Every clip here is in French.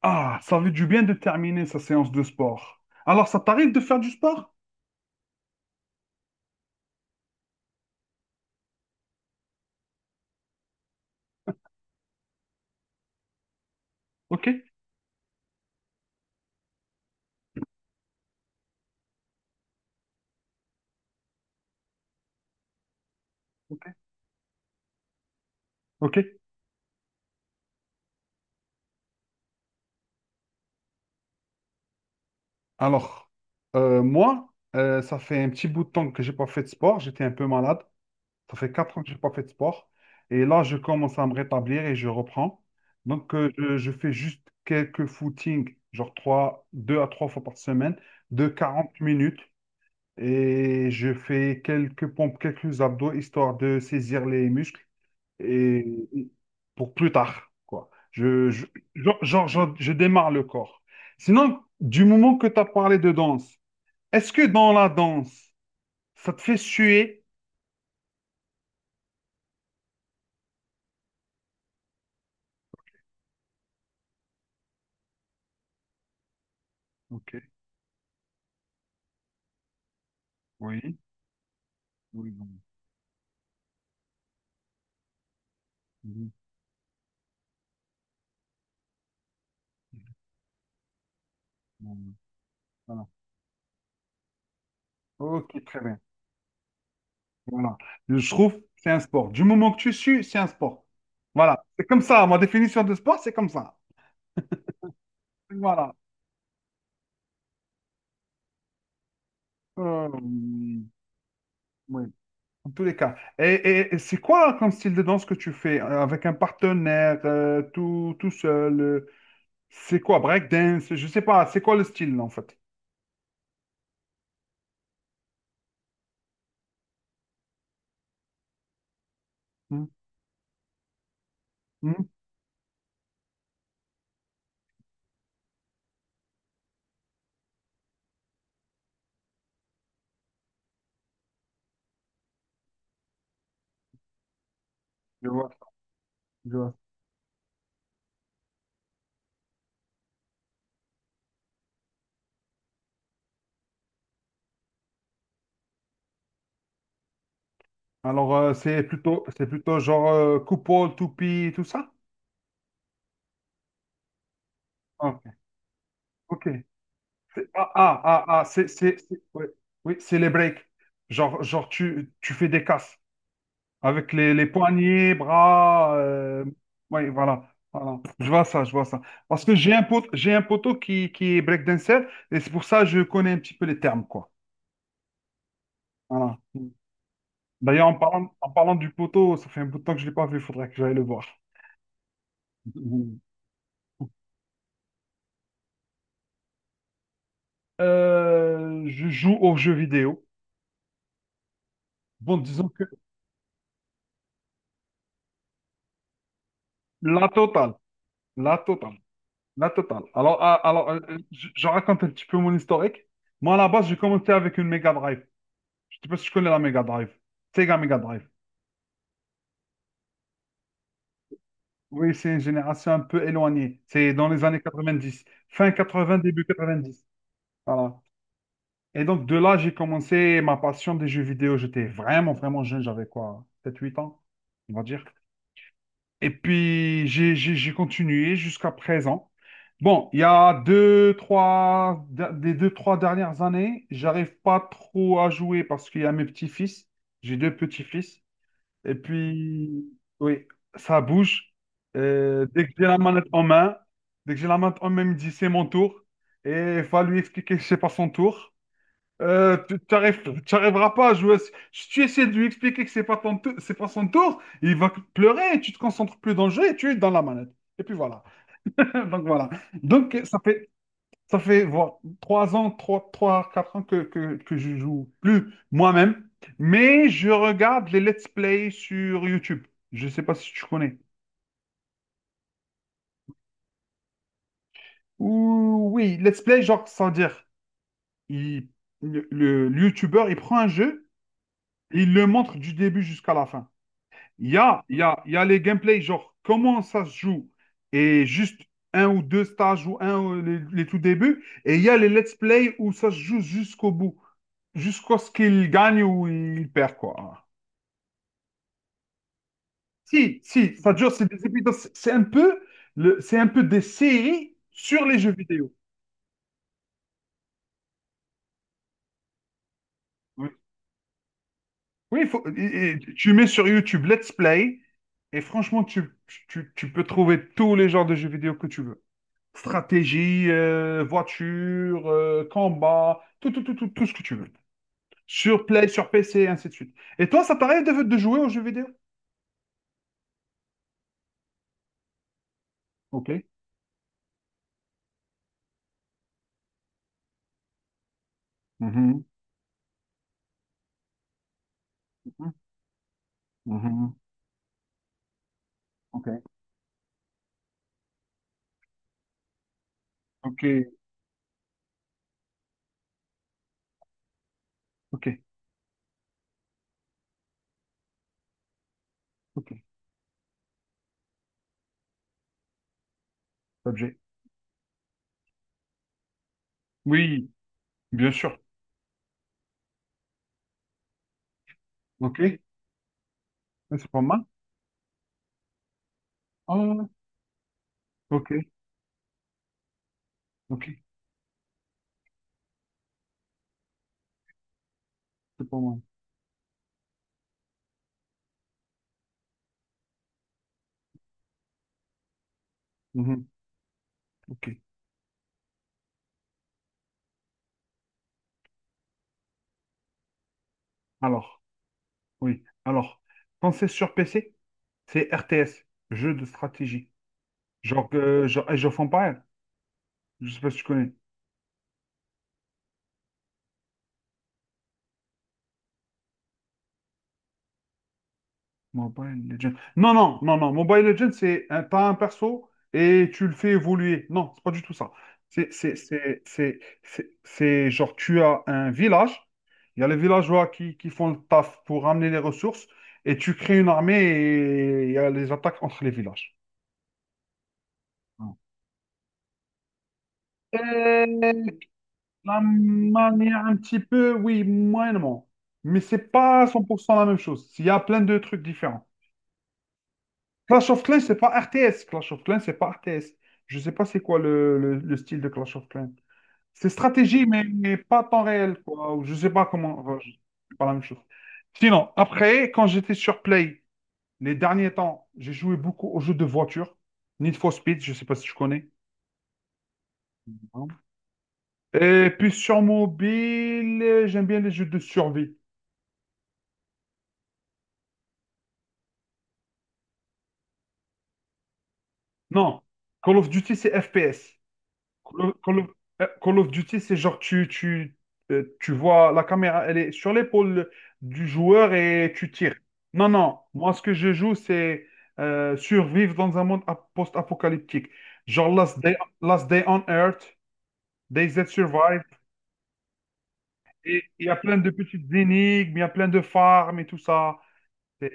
Ah, ça veut du bien de terminer sa séance de sport. Alors, ça t'arrive de faire du sport? Ok, ok, ok. Alors, moi, ça fait un petit bout de temps que j'ai pas fait de sport. J'étais un peu malade. Ça fait 4 ans que j'ai pas fait de sport. Et là, je commence à me rétablir et je reprends. Donc, je fais juste quelques footings, genre trois, deux à trois fois par semaine, de 40 minutes. Et je fais quelques pompes, quelques abdos, histoire de saisir les muscles. Et pour plus tard, quoi. Je, genre, genre, genre, je démarre le corps. Sinon, du moment que tu as parlé de danse, est-ce que dans la danse, ça te fait suer? Ok, oui, oui, bon, oui, bon, voilà. Ok, très bien. Voilà. Je trouve que c'est un sport. Du moment que tu sues, c'est un sport. Voilà. C'est comme ça. Ma définition de sport, c'est comme ça. Voilà. Euh, oui. En tous les cas. Et c'est quoi comme style de danse que tu fais? Avec un partenaire, tout seul? C'est quoi? Breakdance? Je sais pas. C'est quoi le style, en fait? Hmm. Hmm. Je vois, je vois. Alors, c'est plutôt genre coupole, toupie, tout ça? Ok. Ok. Ah, ah, ah, ah, ouais. Oui, c'est les breaks. Genre tu fais des casses. Avec les poignets, bras. Oui, voilà, voilà. Je vois ça, je vois ça. Parce que j'ai un pote, j'ai un poteau qui est breakdancer et c'est pour ça que je connais un petit peu les termes, quoi. Voilà. D'ailleurs, en parlant du poteau, ça fait un bout de temps que je ne l'ai pas vu, il faudrait que j'aille le voir. Je joue aux jeux vidéo. Bon, disons que la totale, la totale, la totale. Alors, je raconte un petit peu mon historique. Moi, à la base, j'ai commencé avec une Mega Drive. Je sais pas si tu connais la Mega Drive. Sega Mega Drive. Oui, c'est une génération un peu éloignée. C'est dans les années 90. Fin 80, début 90. Voilà. Et donc, de là, j'ai commencé ma passion des jeux vidéo. J'étais vraiment, vraiment jeune. J'avais quoi? 7, 8 ans, on va dire. Et puis, j'ai continué jusqu'à présent. Bon, il y a des deux, trois dernières années, j'arrive pas trop à jouer parce qu'il y a mes petits-fils. J'ai deux petits-fils. Et puis, oui, ça bouge. Euh, dès que j'ai la manette en main, dès que j'ai la manette en main, il me dit c'est mon tour. Et il faut lui expliquer que c'est pas son tour. Tu n'arriveras pas à jouer. Si tu essaies de lui expliquer que c'est pas son tour, il va pleurer et tu te concentres plus dans le jeu et tu es dans la manette. Et puis voilà. Donc voilà. Donc ça fait voilà, 3 ans, 4 ans que je joue plus moi-même, mais je regarde les let's play sur YouTube. Je sais pas si tu connais. Ouh, oui, let's play, genre, sans dire, il- le YouTuber, il prend un jeu, et il le montre du début jusqu'à la fin. Il y a les gameplays, genre comment ça se joue, et juste un ou deux stages ou un ou les tout débuts, et il y a les let's play où ça se joue jusqu'au bout, jusqu'à ce qu'il gagne ou il perd, quoi. Si, si, ça dure, c'est des épisodes, c'est un peu, c'est un peu des séries sur les jeux vidéo. Oui, oui, il faut, et tu mets sur YouTube let's play, et franchement, tu peux trouver tous les genres de jeux vidéo que tu veux. Stratégie, voiture, combat, tout ce que tu veux. Sur Play, sur PC, ainsi de suite. Et toi, ça t'arrive de jouer aux jeux vidéo? Ok. Mhm, mhm, mhm. Ok. Ok. Ok. Ok. Objet. Oui, bien sûr. Ok. Mais c'est pas mal. Ah, ok. Ok. C'est pas mal. Mhm, ok. Alors, oui. Alors, quand c'est sur PC, c'est RTS, jeu de stratégie. Genre Age of Empires. Je sais pas si tu connais. Mobile Legends. Non, non, non, non. Mobile Legends, t'as un perso et tu le fais évoluer. Non, c'est pas du tout ça. C'est genre, tu as un village, il y a les villageois qui font le taf pour ramener les ressources et tu crées une armée et il y a les attaques entre les villages. Voilà. Euh, la manière un petit peu, oui, moyennement. Mais c'est pas 100% la même chose. Il y a plein de trucs différents. Clash of Clans, c'est pas RTS. Clash of Clans, c'est pas RTS. Je sais pas c'est quoi le style de Clash of Clans. C'est stratégie, mais pas temps réel, quoi. Ou je sais pas comment. Enfin, c'est pas la même chose. Sinon, après, quand j'étais sur Play, les derniers temps, j'ai joué beaucoup aux jeux de voiture. Need for Speed, je sais pas si tu connais. Non. Et puis sur mobile, j'aime bien les jeux de survie. Non, Call of Duty, c'est FPS. Call of, Call of- Call of Duty, c'est genre tu vois la caméra, elle est sur l'épaule du joueur et tu tires. Non, non, moi ce que je joue, c'est survivre dans un monde post-apocalyptique. Genre Last Day on Earth, DayZ Survive, et il y a plein de petites énigmes, il y a plein de farms et tout ça. C'est-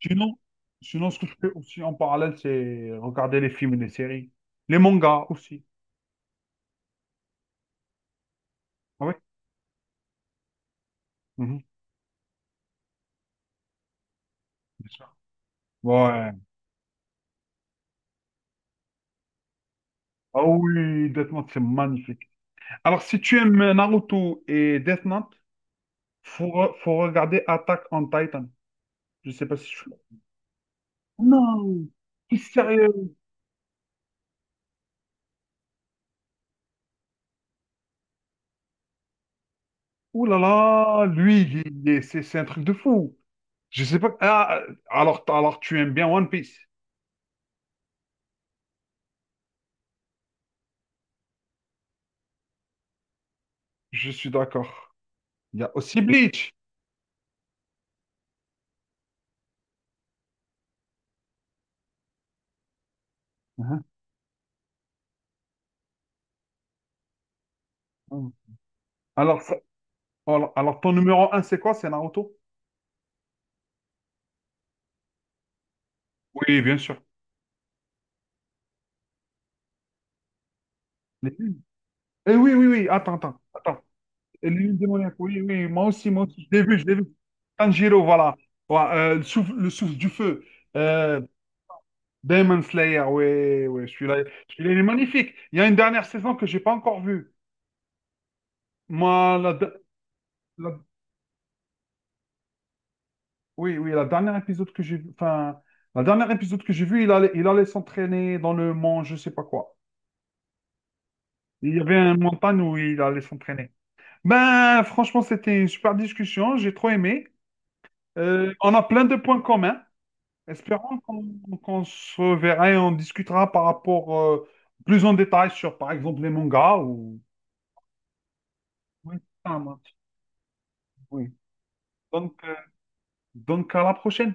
Sinon, ce que je fais aussi en parallèle, c'est regarder les films et les séries. Les mangas aussi. Ah oui? Mhm, bien sûr. Ouais, ah oui, Death Note, c'est magnifique. Alors, si tu aimes Naruto et Death Note, faut regarder Attack on Titan. Je sais pas si tu... Non, t'es sérieux? Ouh là là, lui, c'est un truc de fou. Je sais pas... Ah, alors, tu aimes bien One Piece. Je suis d'accord. Il y a aussi Bleach. Hein, hein. Alors, ton numéro un, c'est quoi? C'est Naruto? Oui, bien sûr. Eh oui, oui, oui, attends, attends. Attends. Et l'huile de Monaco, oui, oui, moi aussi, je l'ai vu, je l'ai vu. Tanjiro, voilà. Ouais, le souffle du feu. Euh, Demon Slayer, oui, oui, celui-là, il est magnifique. Il y a une dernière saison que j'ai pas encore vue. Moi, la- oui, oui, la dernière épisode que j'ai vu, enfin, la dernière épisode que j'ai vu, il allait s'entraîner dans le mont, je sais pas quoi. Il y avait une montagne où il allait s'entraîner. Ben, franchement, c'était une super discussion, j'ai trop aimé. On a plein de points communs. Espérons qu'on se verra et on discutera par rapport plus en détail sur, par exemple, les mangas ou... Oui, ça marche. Oui. Donc, euh, donc, à la prochaine.